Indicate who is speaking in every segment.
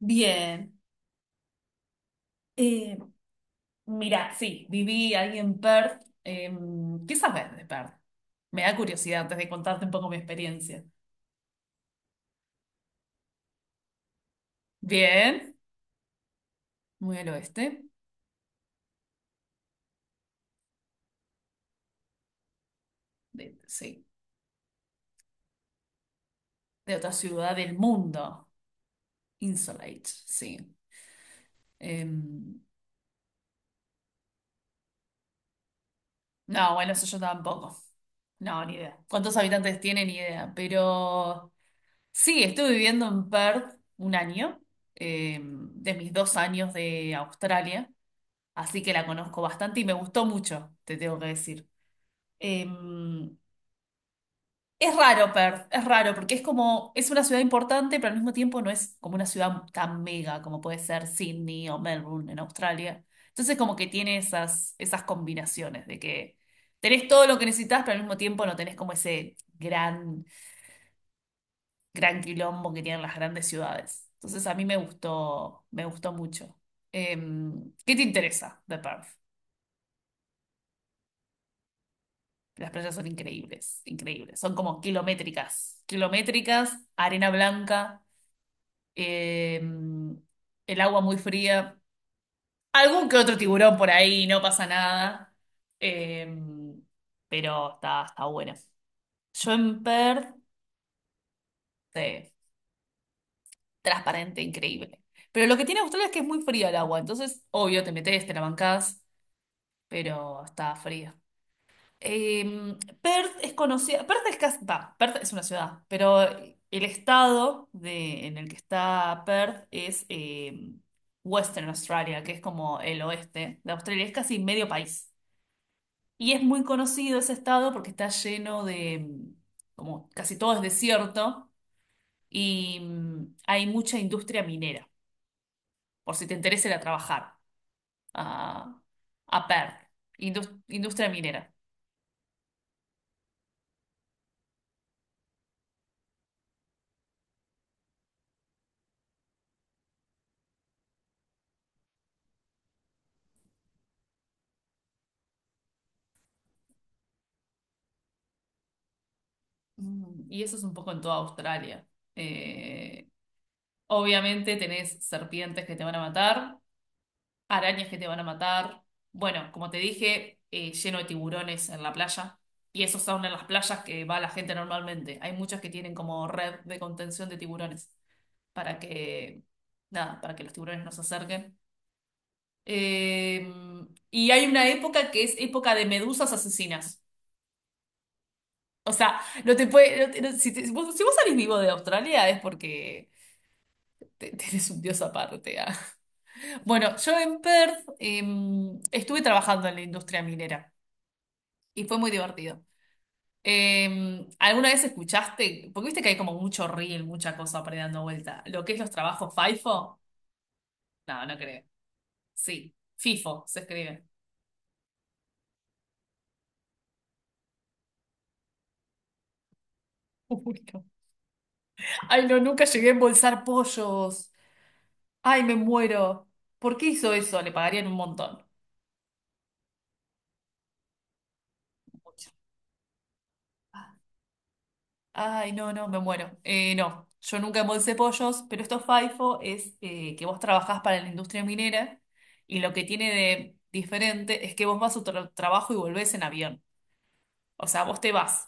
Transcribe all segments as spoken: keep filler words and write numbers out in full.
Speaker 1: Bien. Eh, Mira, sí, viví ahí en Perth. Eh, ¿qué sabes de Perth? Me da curiosidad antes de contarte un poco mi experiencia. Bien, muy al oeste, de, sí, de otra ciudad del mundo. Insulate, sí. Eh, no, bueno, eso yo tampoco. No, ni idea. ¿Cuántos habitantes tiene? Ni idea. Pero sí, estuve viviendo en Perth un año, eh, de mis dos años de Australia. Así que la conozco bastante y me gustó mucho, te tengo que decir. Em, es raro Perth, es raro porque es como, es una ciudad importante, pero al mismo tiempo no es como una ciudad tan mega como puede ser Sydney o Melbourne en Australia. Entonces como que tiene esas, esas combinaciones de que tenés todo lo que necesitas, pero al mismo tiempo no tenés como ese gran, gran quilombo que tienen las grandes ciudades. Entonces a mí me gustó, me gustó mucho. Em, ¿qué te interesa de Perth? Las playas son increíbles, increíbles. Son como kilométricas, kilométricas, arena blanca, eh, el agua muy fría, algún que otro tiburón por ahí, no pasa nada. Eh, pero está, está buena. Yo en Perth, sí, transparente, increíble. Pero lo que tiene Australia es que es muy fría el agua, entonces, obvio, te metes, te la bancás, pero está fría. Em, Perth es conocida, Perth es casi, va, Perth es una ciudad, pero el estado de, en el que está Perth es em, Western Australia, que es como el oeste de Australia, es casi medio país. Y es muy conocido ese estado porque está lleno de, em, como casi todo es desierto y em, hay mucha industria minera, por si te interesa ir a trabajar a, a Perth, indus- industria minera. Mm, Y eso es un poco en toda Australia. Eh, Obviamente tenés serpientes que te van a matar, arañas que te van a matar. Bueno, como te dije, eh, lleno de tiburones en la playa. Y esos son en las playas que va la gente normalmente. Hay muchas que tienen como red de contención de tiburones para que, nada, para que los tiburones no se acerquen. Eh, y hay una época que es época de medusas asesinas. O sea, no te puede, no te- no- si, te- vos- si vos salís vivo de Australia es porque Te- Tenés un dios aparte. Ah. Bueno, yo en Perth em, estuve trabajando en la industria minera y fue muy divertido. Em, ¿alguna vez escuchaste? Porque viste que hay como mucho reel, mucha cosa por ahí dando vuelta. ¿Lo que es los trabajos FIFO? No, no creo. Sí, FIFO se escribe. Uy, no. Ay, no, nunca llegué a embolsar pollos. Ay, me muero. ¿Por qué hizo eso? Le pagarían un montón. Ay, no, no, me muero. Eh, no, yo nunca embolsé pollos, pero esto FIFO es eh, que vos trabajás para la industria minera y lo que tiene de diferente es que vos vas a tu tra- trabajo y volvés en avión. O sea, vos te vas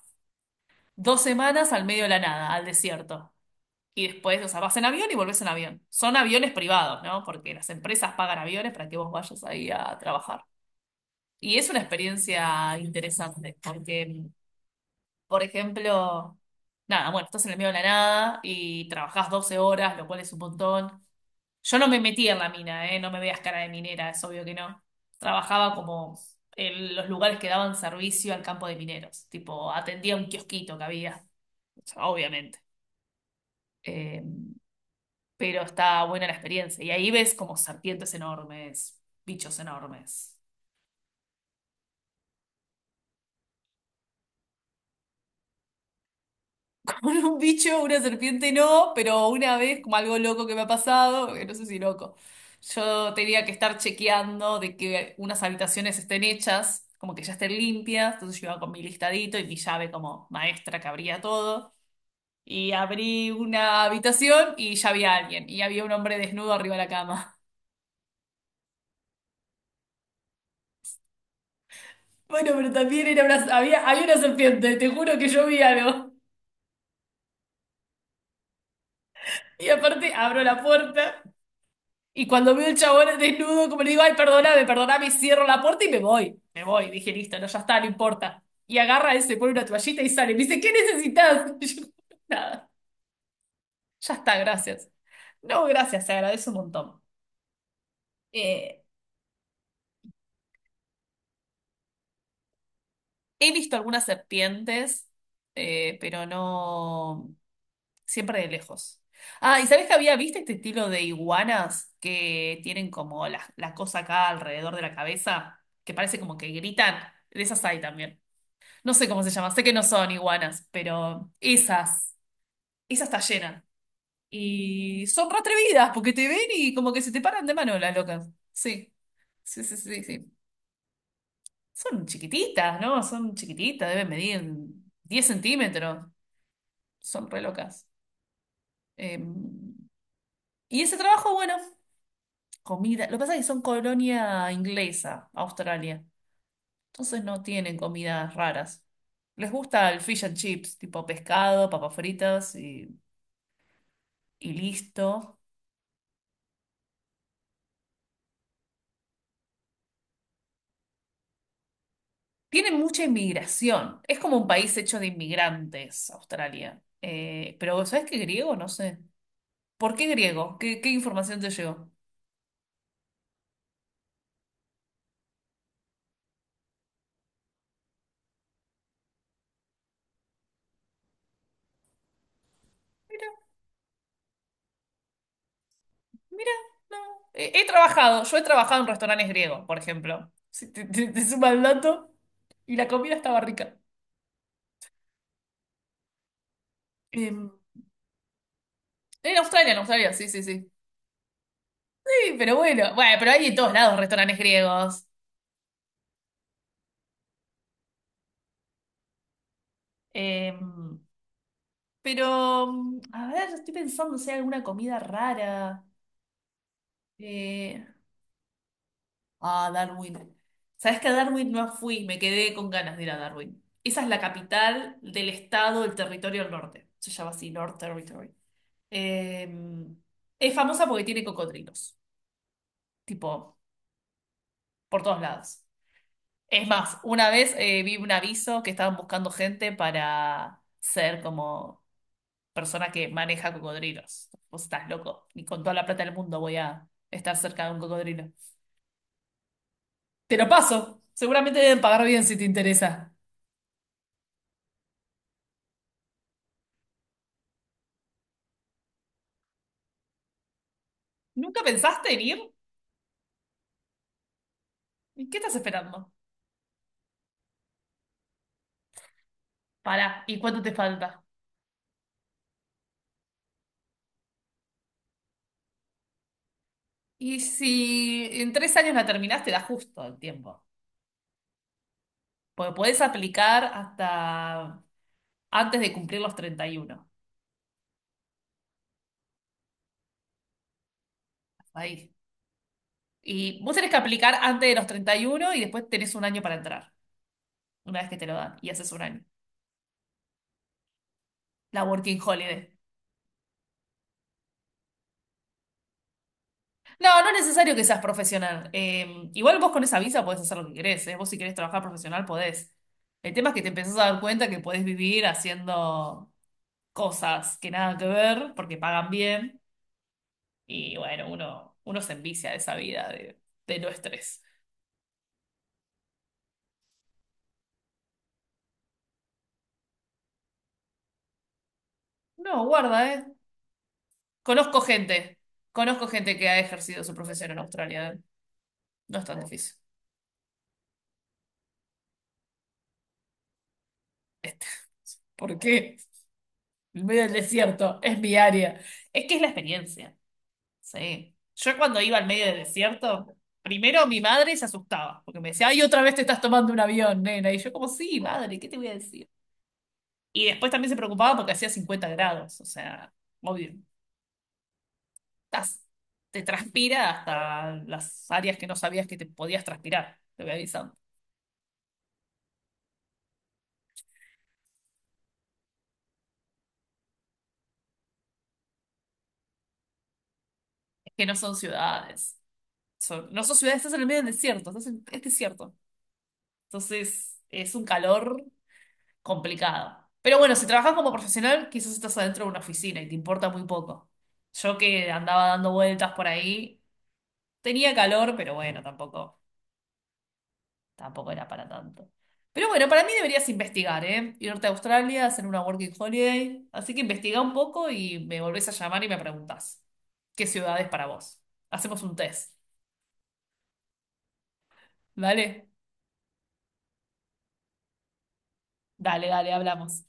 Speaker 1: dos semanas al medio de la nada, al desierto. Y después, o sea, vas en avión y volvés en avión. Son aviones privados, ¿no? Porque las empresas pagan aviones para que vos vayas ahí a trabajar. Y es una experiencia interesante, porque por ejemplo, nada, bueno, estás en el medio de la nada y trabajás doce horas, lo cual es un montón. Yo no me metí en la mina, ¿eh? No me veas cara de minera, es obvio que no. Trabajaba como en los lugares que daban servicio al campo de mineros, tipo atendía un kiosquito que había, o sea, obviamente. Eh, pero está buena la experiencia y ahí ves como serpientes enormes, bichos enormes. Con un bicho, una serpiente no, pero una vez, como algo loco que me ha pasado, que no sé si loco, yo tenía que estar chequeando de que unas habitaciones estén hechas, como que ya estén limpias, entonces yo iba con mi listadito y mi llave como maestra que abría todo, y abrí una habitación y ya había alguien, y había un hombre desnudo arriba de la cama. Bueno, pero también era una, había, había una serpiente, te juro que yo vi algo. Y aparte abro la puerta y cuando veo el chabón desnudo, como le digo, ay, perdóname, perdóname, cierro la puerta y me voy. Me voy. Dije, listo, no, ya está, no importa. Y agarra ese, pone una toallita y sale. Me dice, ¿qué necesitas? Y yo, nada, ya está, gracias. No, gracias, se agradece un montón. Eh, He visto algunas serpientes, eh, pero no, siempre de lejos. Ah, ¿y sabés que había visto este estilo de iguanas que tienen como la, la cosa acá alrededor de la cabeza, que parece como que gritan? De esas hay también. No sé cómo se llama, sé que no son iguanas, pero esas, esas está llena. Y son re atrevidas porque te ven y como que se te paran de mano las locas. Sí, sí, sí, sí, sí. Son chiquititas, ¿no? Son chiquititas, deben medir diez centímetros. Son re locas. Eh, y ese trabajo, bueno, comida. Lo que pasa es que son colonia inglesa, Australia. Entonces no tienen comidas raras. Les gusta el fish and chips, tipo pescado, papas fritas y, y listo. Tiene mucha inmigración. Es como un país hecho de inmigrantes, Australia. Eh, pero ¿sabes qué griego? No sé. ¿Por qué griego? ¿Qué, qué información te llegó? Mira, mira, no. Eh, He, trabajado, yo he trabajado en restaurantes griegos, por ejemplo. Si te, te- te suma el dato y la comida estaba rica. Eh, en Australia, en Australia, sí, sí, sí. Sí, pero bueno, bueno, pero hay en todos lados restaurantes griegos. Eh, pero, a ver, estoy pensando si hay alguna comida rara. Eh, Ah, Darwin. ¿Sabes que a Darwin no fui? Me quedé con ganas de ir a Darwin. Esa es la capital del estado, del territorio del norte. Se llama así, North Territory. Eh, es famosa porque tiene cocodrilos, tipo, por todos lados. Es más, una vez eh, vi un aviso que estaban buscando gente para ser como persona que maneja cocodrilos. Vos estás loco, ni con toda la plata del mundo voy a estar cerca de un cocodrilo. Te lo paso, seguramente deben pagar bien si te interesa. ¿Nunca pensaste en ir? ¿Y qué estás esperando? Pará, ¿y cuánto te falta? Y si en tres años la terminás, te da justo el tiempo. Porque podés aplicar hasta antes de cumplir los treinta y uno. Hasta ahí. Y vos tenés que aplicar antes de los treinta y uno y uno y después tenés un año para entrar, una vez que te lo dan, y haces un año. La working holiday. No, no es necesario que seas profesional. Eh, igual vos con esa visa podés hacer lo que querés, ¿eh? Vos si querés trabajar profesional podés. El tema es que te empezás a dar cuenta que podés vivir haciendo cosas que nada que ver porque pagan bien y bueno, uno, uno se envicia de esa vida de, de, no estrés. No, guarda, ¿eh? Conozco gente, conozco gente que ha ejercido su profesión en Australia, ¿eh? No es tan difícil. Este, ¿Por qué? En medio del desierto, es mi área. Es que es la experiencia, sí. Yo cuando iba al medio del desierto, primero mi madre se asustaba porque me decía, ay, otra vez te estás tomando un avión, nena. Y yo como, sí, madre, ¿qué te voy a decir? Y después también se preocupaba porque hacía cincuenta grados, o sea, obvio, estás- te transpira hasta las áreas que no sabías que te podías transpirar, te voy avisando. Es que no son ciudades, son- no son ciudades, estás en el medio del desierto, estás en- es desierto. Entonces es un calor complicado. Pero bueno, si trabajas como profesional, quizás estás adentro de una oficina y te importa muy poco. Yo que andaba dando vueltas por ahí, tenía calor, pero bueno, tampoco. Tampoco era para tanto. Pero bueno, para mí deberías investigar, ¿eh? Irte a Australia, hacer una working holiday. Así que investiga un poco y me volvés a llamar y me preguntás qué ciudad es para vos. Hacemos un test. ¿Vale? Dale, dale, hablamos.